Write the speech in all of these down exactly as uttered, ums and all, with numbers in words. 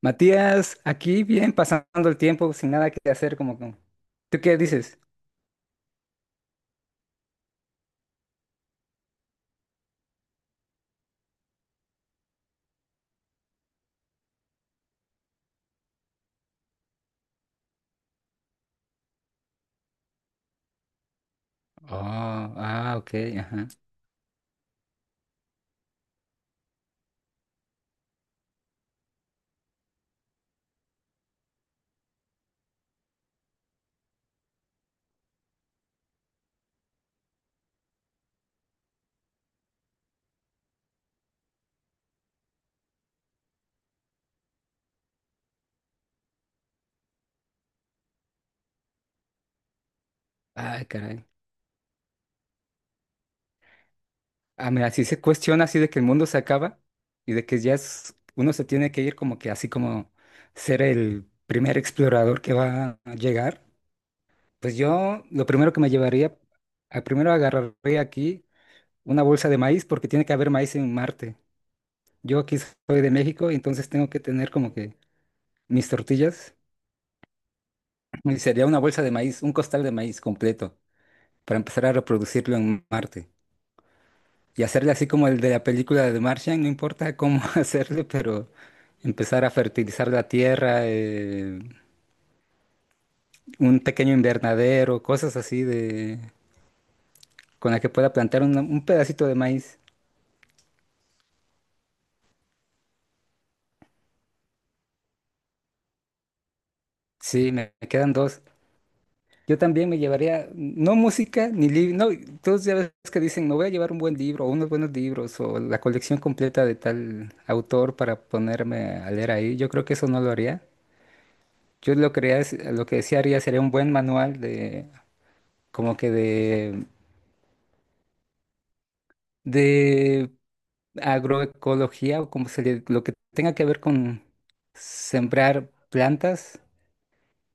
Matías, aquí bien pasando el tiempo sin nada que hacer, como que- ¿Tú qué dices? Oh, ah, ok, ajá. Ay, caray. Ah, mira, si se cuestiona así de que el mundo se acaba y de que ya es- uno se tiene que ir como que así como ser el primer explorador que va a llegar, pues yo lo primero que me llevaría, a- primero agarraría aquí una bolsa de maíz porque tiene que haber maíz en Marte. Yo aquí soy de México y entonces tengo que tener como que mis tortillas. Y sería una bolsa de maíz, un costal de maíz completo, para empezar a reproducirlo en Marte. Y hacerle así como el de la película de Martian, no importa cómo hacerle, pero empezar a fertilizar la tierra, eh, un pequeño invernadero, cosas así de con la que pueda plantar una- un pedacito de maíz. Sí, me me quedan dos. Yo también me llevaría, no música ni libro, no, todos ya ves que dicen, me voy a llevar un buen libro o unos buenos libros o la colección completa de tal autor para ponerme a leer ahí. Yo creo que eso no lo haría. Yo lo, que haría es- lo que sí haría sería un buen manual de, como que de, de agroecología o como se le, lo que tenga que ver con sembrar plantas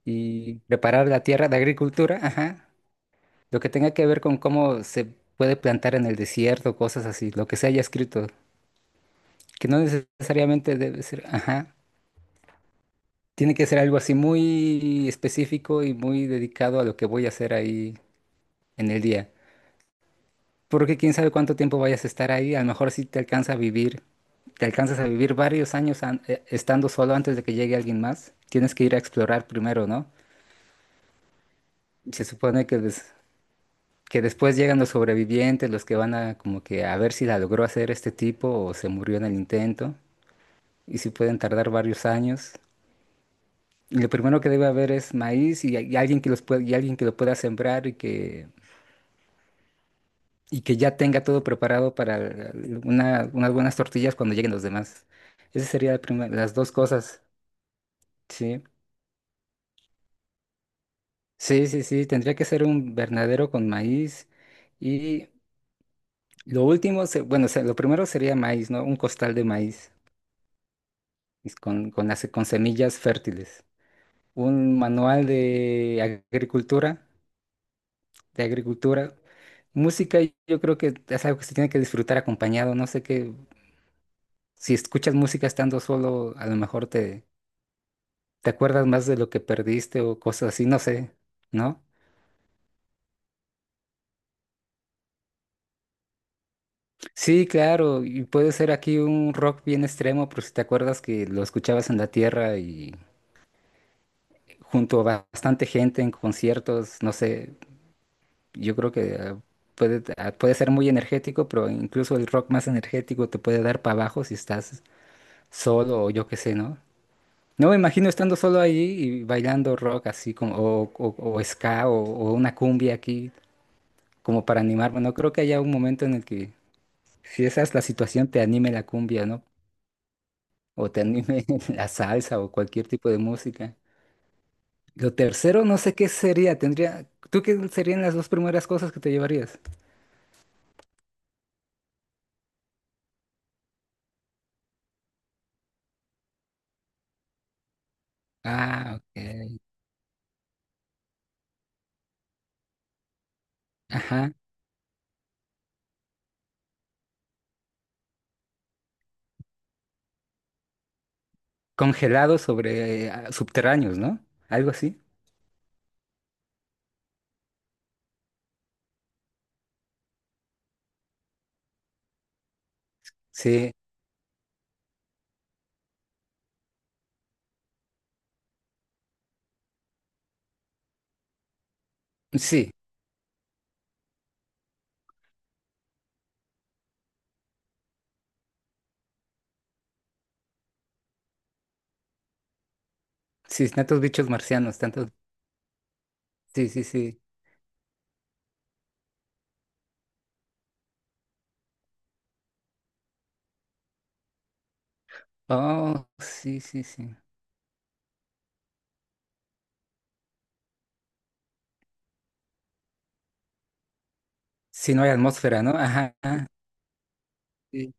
y preparar la tierra de agricultura, ajá. Lo que tenga que ver con cómo se puede plantar en el desierto, cosas así, lo que se haya escrito, que no necesariamente debe ser, ajá, tiene que ser algo así muy específico y muy dedicado a lo que voy a hacer ahí en el día. Porque quién sabe cuánto tiempo vayas a estar ahí, a lo mejor si te alcanza a vivir, te alcanzas a vivir varios años an- eh, estando solo antes de que llegue alguien más, tienes que ir a explorar primero, ¿no? Se supone que des- que después llegan los sobrevivientes, los que van a como que a ver si la logró hacer este tipo o se murió en el intento, y si pueden tardar varios años. Y lo primero que debe haber es maíz y, y alguien que los pueda, y alguien que lo pueda sembrar y que, y que ya tenga todo preparado para el- una- unas buenas tortillas cuando lleguen los demás. Esas serían la prima- las dos cosas, ¿sí? Sí, sí, sí, tendría que ser un invernadero con maíz y lo último, se- bueno, se- lo primero sería maíz, ¿no? Un costal de maíz. Es con, con, las- con semillas fértiles. Un manual de agricultura, de agricultura. Música, yo creo que es algo que se tiene que disfrutar acompañado. No sé qué, si escuchas música estando solo, a lo mejor te, te acuerdas más de lo que perdiste o cosas así, no sé, ¿no? Sí, claro, y puede ser aquí un rock bien extremo, pero si te acuerdas que lo escuchabas en la tierra y junto a bastante gente en conciertos, no sé, yo creo que ah, puede, ah, puede ser muy energético, pero incluso el rock más energético te puede dar para abajo si estás solo o yo qué sé, ¿no? No me imagino estando solo ahí y bailando rock así como, o, o- o ska o, o una cumbia aquí como para animarme. No creo que haya un momento en el que si esa es la situación te anime la cumbia, ¿no? O te anime la salsa o cualquier tipo de música. Lo tercero, no sé qué sería. Tendría, ¿tú qué serían las dos primeras cosas que te llevarías? Ah, ok. Ajá. Congelados sobre eh, subterráneos, ¿no? Algo así. Sí, sí, sí, tantos bichos marcianos, tantos. Sí, sí, sí. Oh, sí, sí, sí. Si no hay atmósfera, ¿no? Ajá, sí.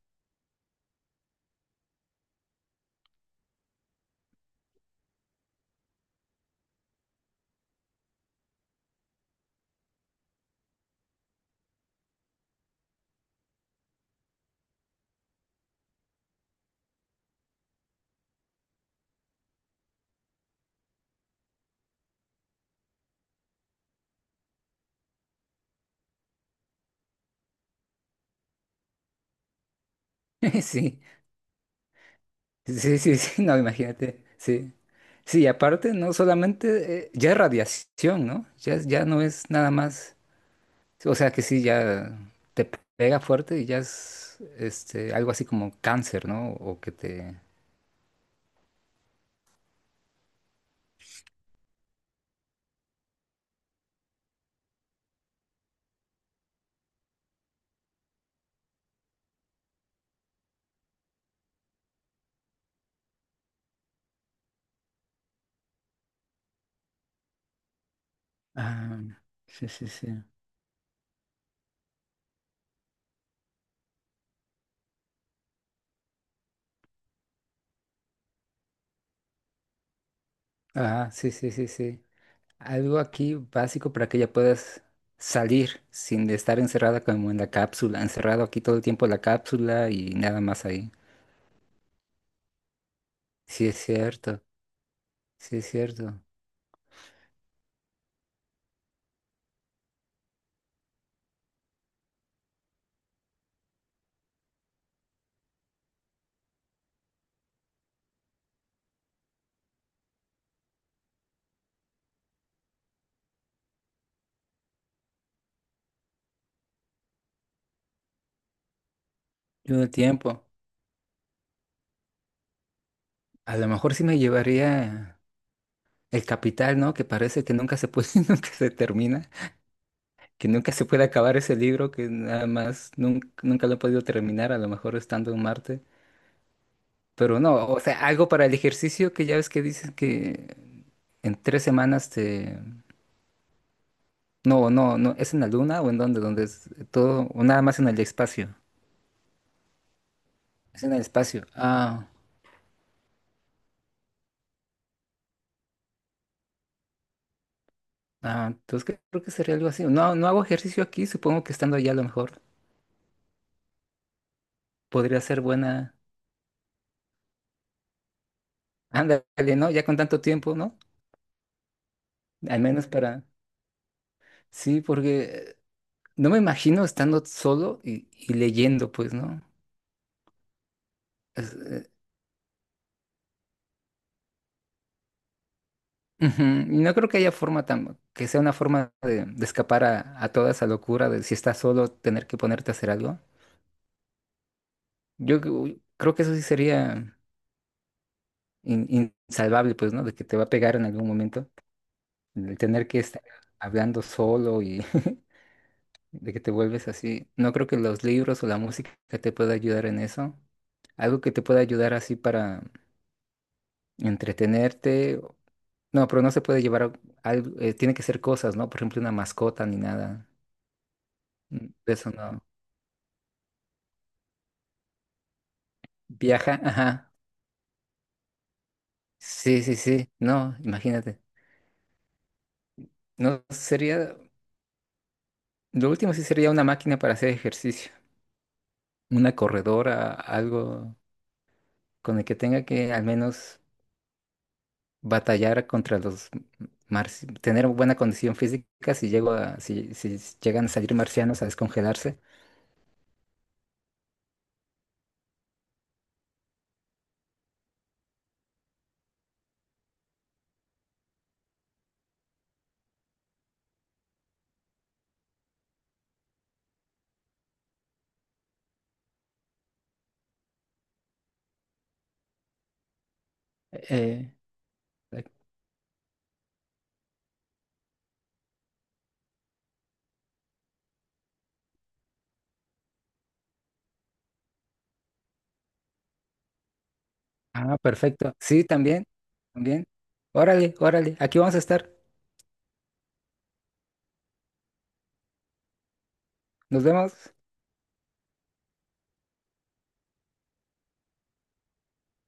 Sí, sí, sí, sí, no, imagínate. Sí. Sí, y aparte, no solamente, eh, ya es radiación, ¿no? Ya, es- ya no es nada más. O sea que sí, ya te pega fuerte y ya es este, algo así como cáncer, ¿no? O que te. Ah, sí, sí, sí. Ajá, sí, sí, sí, sí. Algo aquí básico para que ya puedas salir sin estar encerrada como en la cápsula, encerrado aquí todo el tiempo en la cápsula y nada más ahí. Sí, es cierto, sí, es cierto. Yo el tiempo, a lo mejor sí me llevaría el capital, ¿no? Que parece que nunca se puede, nunca se termina, que nunca se puede acabar ese libro, que nada más nun- nunca, lo he podido terminar, a lo mejor estando en Marte. Pero no, o sea, algo para el ejercicio que ya ves que dicen que en tres semanas te... No, no, no, ¿es en la luna o en dónde? ¿Dónde es todo? O nada más en el espacio. Es en el espacio. Ah, ah, entonces que- creo que sería algo así. No, no hago ejercicio aquí, supongo que estando allá a lo mejor podría ser buena. Ándale, ¿no? Ya con tanto tiempo, ¿no? Al menos para... Sí, porque eh, no me imagino estando solo y, y leyendo, pues, ¿no? Es- ujú, y no creo que haya forma tan, que sea una forma de, de escapar a, a toda esa locura de si estás solo tener que ponerte a hacer algo. Yo cre- creo que eso sí sería in- insalvable, pues, ¿no? De que te va a pegar en algún momento. El tener que estar hablando solo y de que te vuelves así. No creo que los libros o la música te pueda ayudar en eso. Algo que te pueda ayudar así para entretenerte. No, pero no se puede llevar a- algo, eh, tiene que ser cosas, ¿no? Por ejemplo, una mascota ni nada. Mm, eso no. Viaja, ajá. Sí, sí, sí. No, imagínate. No sería, lo último sí sería una máquina para hacer ejercicio, una corredora, algo con el que tenga que al menos batallar contra los marci- tener buena condición física si llego a, si, si llegan a salir marcianos a descongelarse. Eh, ah, perfecto. Sí, también, también. Órale, órale, aquí vamos a estar. Nos vemos.